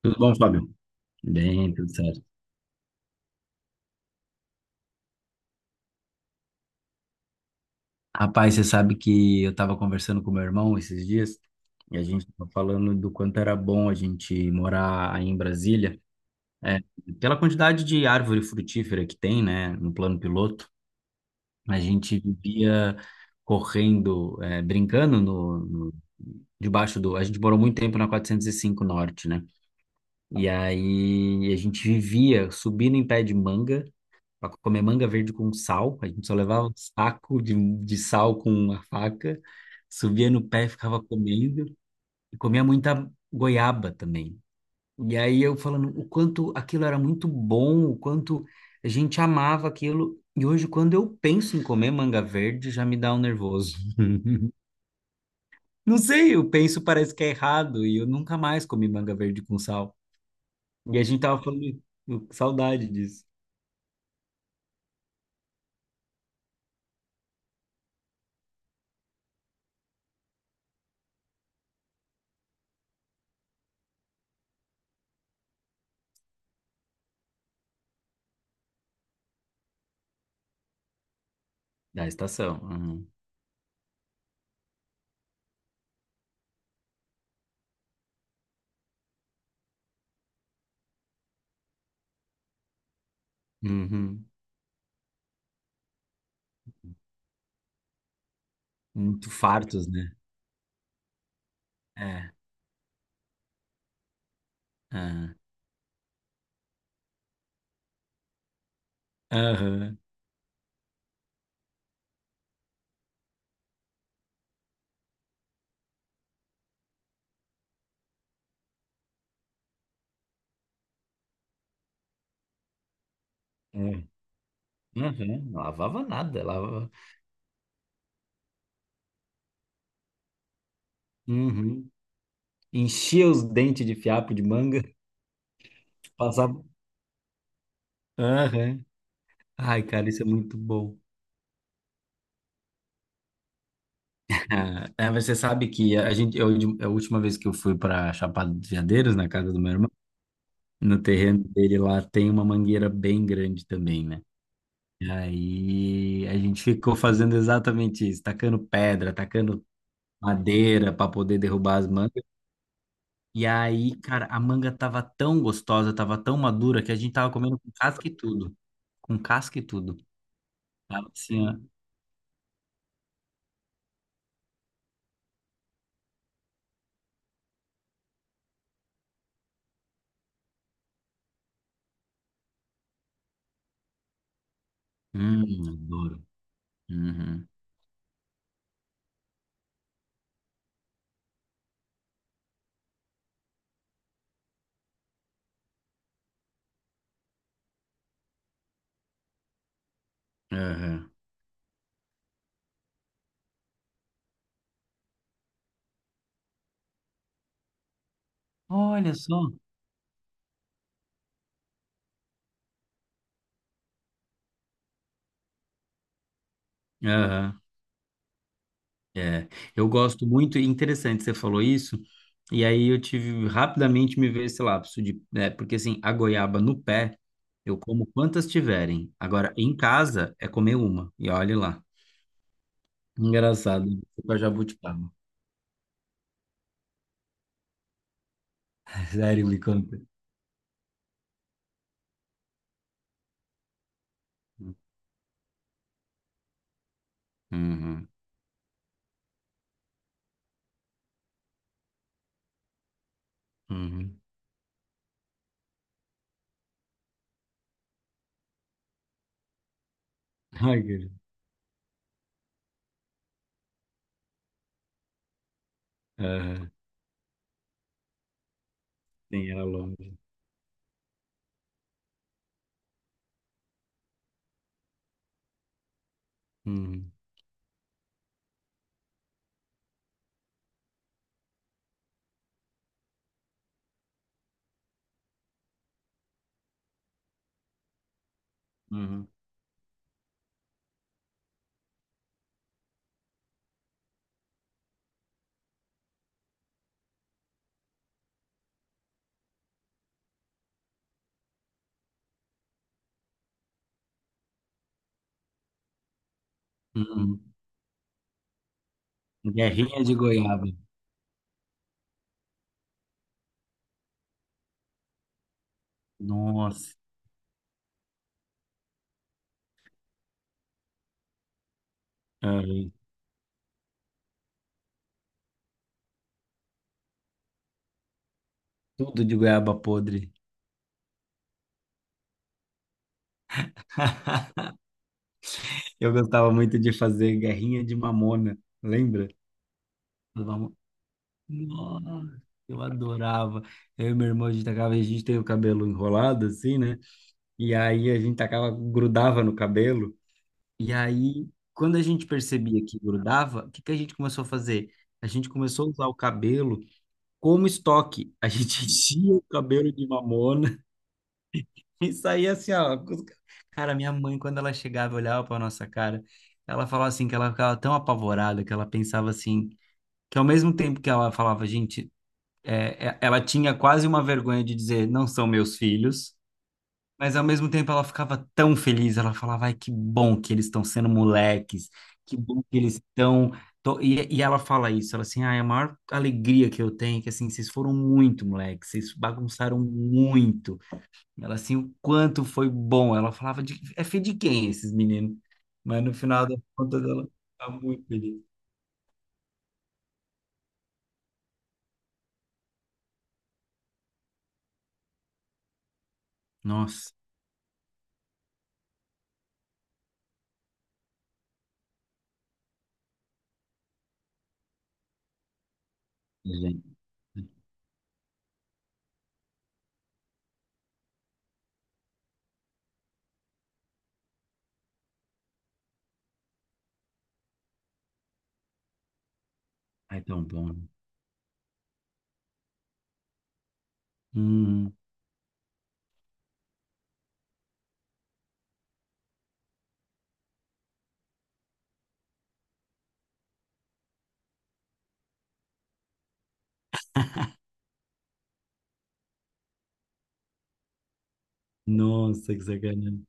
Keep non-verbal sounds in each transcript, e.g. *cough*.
Tudo bom, Fábio? Bem, tudo certo. Rapaz, você sabe que eu tava conversando com meu irmão esses dias e a gente tava falando do quanto era bom a gente morar aí em Brasília, é, pela quantidade de árvore frutífera que tem, né, no plano piloto. A gente vivia correndo, brincando debaixo do. A gente morou muito tempo na 405 Norte, né? E aí a gente vivia subindo em pé de manga para comer manga verde com sal. A gente só levava um saco de sal com uma faca, subia no pé, e ficava comendo, e comia muita goiaba também. E aí eu falando o quanto aquilo era muito bom, o quanto a gente amava aquilo. E hoje, quando eu penso em comer manga verde, já me dá um nervoso. *laughs* Não sei, eu penso, parece que é errado, e eu nunca mais comi manga verde com sal. E a gente tava falando, saudade disso. Da estação. Uhum. Uhum. Muito fartos, né? É. Aham. Aham. Aham. Aham. Não lavava nada, lavava. Uhum. Enchia os dentes de fiapo de manga, *laughs* passava. Aham. Ai, cara, isso é muito bom. Ah, é, você sabe que a última vez que eu fui para Chapada dos Veadeiros, na casa do meu irmão, no terreno dele lá tem uma mangueira bem grande também, né? E aí a gente ficou fazendo exatamente isso, tacando pedra, tacando madeira para poder derrubar as. E aí, cara, a manga tava tão gostosa, tava tão madura que a gente tava comendo com casca e tudo. Com casca e tudo. Tava assim, ó. Hum, adoro. Uhum. Aham. Olha só. Aham. É. Eu gosto muito, e interessante, você falou isso. E aí eu tive rapidamente, me veio esse lapso de, né, porque assim, a goiaba no pé, eu como quantas tiverem. Agora, em casa, é comer uma. E olhe lá. Engraçado, com a jabuticaba. *laughs* Sério, me conta. Uhum. Uhum. Ai, que- aham. Sim, era longe. Uhum. Uhum. Uhum. Guerrinha de goiaba. Nossa. Aham. Tudo de goiaba podre. *laughs* Eu gostava muito de fazer guerrinha de mamona, lembra? As mamo- Nossa, eu adorava. Eu e meu irmão, a gente tacava, a gente tem o cabelo enrolado, assim, né? E aí a gente tacava, grudava no cabelo. E aí, quando a gente percebia que grudava, o que que a gente começou a fazer? A gente começou a usar o cabelo como estoque. A gente *laughs* tinha o cabelo de mamona e saía assim, ó. Cara, minha mãe, quando ela chegava e olhava pra nossa cara, ela falava assim que ela ficava tão apavorada que ela pensava assim, que ao mesmo tempo que ela falava, gente, ela tinha quase uma vergonha de dizer, não são meus filhos. Mas ao mesmo tempo ela ficava tão feliz, ela falava, ai, que bom que eles estão sendo moleques, que bom que eles estão. Tô-" E ela fala isso, ela assim, ai, a maior alegria que eu tenho é que assim, vocês foram muito moleques, vocês bagunçaram muito. Ela assim, o quanto foi bom. Ela falava de é filho de quem esses meninos? Mas no final das contas ela tá muito feliz. Nossa, gente, ai, tão bom, né? Hum, nossa, que sacanagem.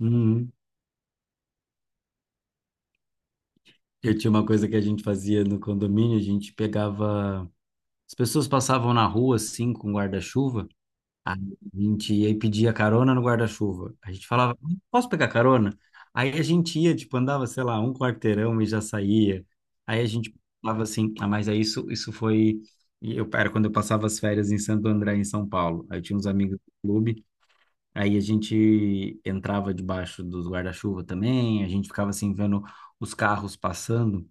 Uhum. Eu tinha uma coisa que a gente fazia no condomínio, a gente pegava. As pessoas passavam na rua assim com guarda-chuva, a gente ia e pedia carona no guarda-chuva. A gente falava, posso pegar carona? Aí a gente ia, tipo, andava, sei lá, um quarteirão e já saía. Aí a gente falava assim, ah, mas é isso, isso foi. E Eu, era quando eu passava as férias em Santo André, em São Paulo. Aí eu tinha uns amigos do clube, aí a gente entrava debaixo dos guarda-chuva também, a gente ficava assim vendo os carros passando.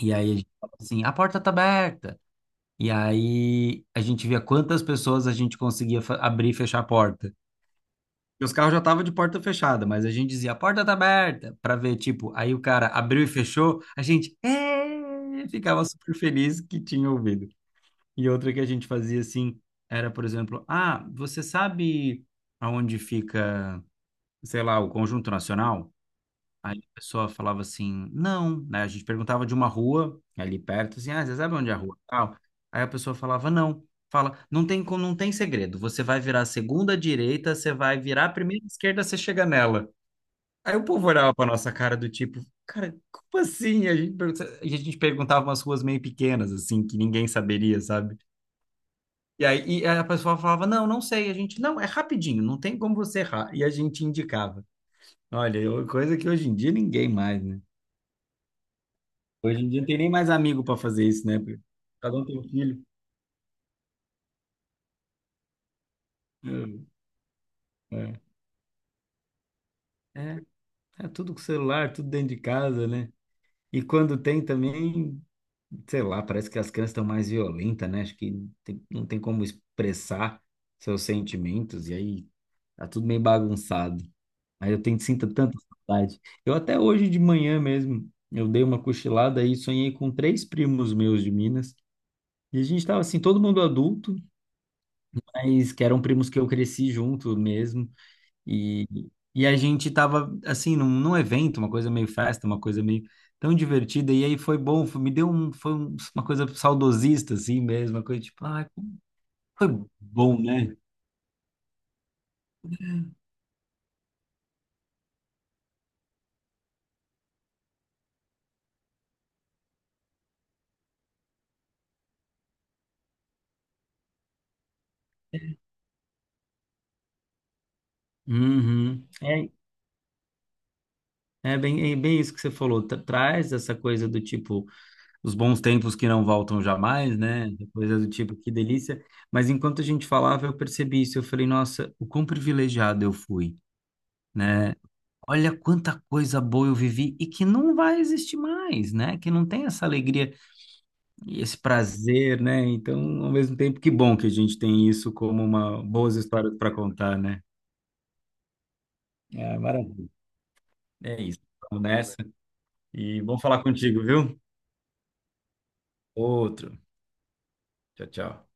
E aí a gente fala assim, a porta tá aberta. E aí a gente via quantas pessoas a gente conseguia abrir e fechar a porta. E os carros já estavam de porta fechada, mas a gente dizia, a porta tá aberta, para ver, tipo, aí o cara abriu e fechou, a gente "É!" ficava super feliz que tinha ouvido. E outra que a gente fazia assim, era, por exemplo, ah, você sabe aonde fica, sei lá, o Conjunto Nacional? Aí a pessoa falava assim, não, né? A gente perguntava de uma rua ali perto, assim, ah, você sabe onde é a rua? Tal. Aí a pessoa falava, não. Fala, não tem, não tem segredo. Você vai virar a segunda direita, você vai virar a primeira esquerda, você chega nela. Aí o povo olhava pra nossa cara do tipo, cara, como assim? A gente, a gente perguntava umas ruas meio pequenas, assim, que ninguém saberia, sabe? E aí e a pessoa falava, não, não sei. A gente, não, é rapidinho, não tem como você errar. E a gente indicava. Olha, coisa que hoje em dia ninguém mais, né? Hoje em dia não tem nem mais amigo para fazer isso, né? Porque cada um tem um filho. É, é, é tudo com celular, tudo dentro de casa, né? E quando tem também, sei lá, parece que as crianças estão mais violentas, né? Acho que não tem como expressar seus sentimentos, e aí tá tudo meio bagunçado. Aí eu tenho, sinto tanta saudade. Eu até hoje de manhã mesmo, eu dei uma cochilada e sonhei com 3 primos meus de Minas. E a gente estava assim, todo mundo adulto, mas que eram primos que eu cresci junto mesmo. E, e a gente tava, assim, num evento, uma coisa meio festa, uma coisa meio tão divertida. E aí foi bom, me deu um, uma coisa saudosista, assim mesmo, uma coisa tipo, ah, como foi bom, né? Uhum. É bem isso que você falou. Traz essa coisa do tipo, os bons tempos que não voltam jamais, né? Coisa do tipo, que delícia. Mas enquanto a gente falava, eu percebi isso. Eu falei, nossa, o quão privilegiado eu fui, né? Olha quanta coisa boa eu vivi e que não vai existir mais, né? Que não tem essa alegria e esse prazer, né? Então, ao mesmo tempo, que bom que a gente tem isso como uma boas histórias para contar, né? É maravilha. É isso. Vamos nessa. E bom falar contigo, viu? Outro. Tchau, tchau.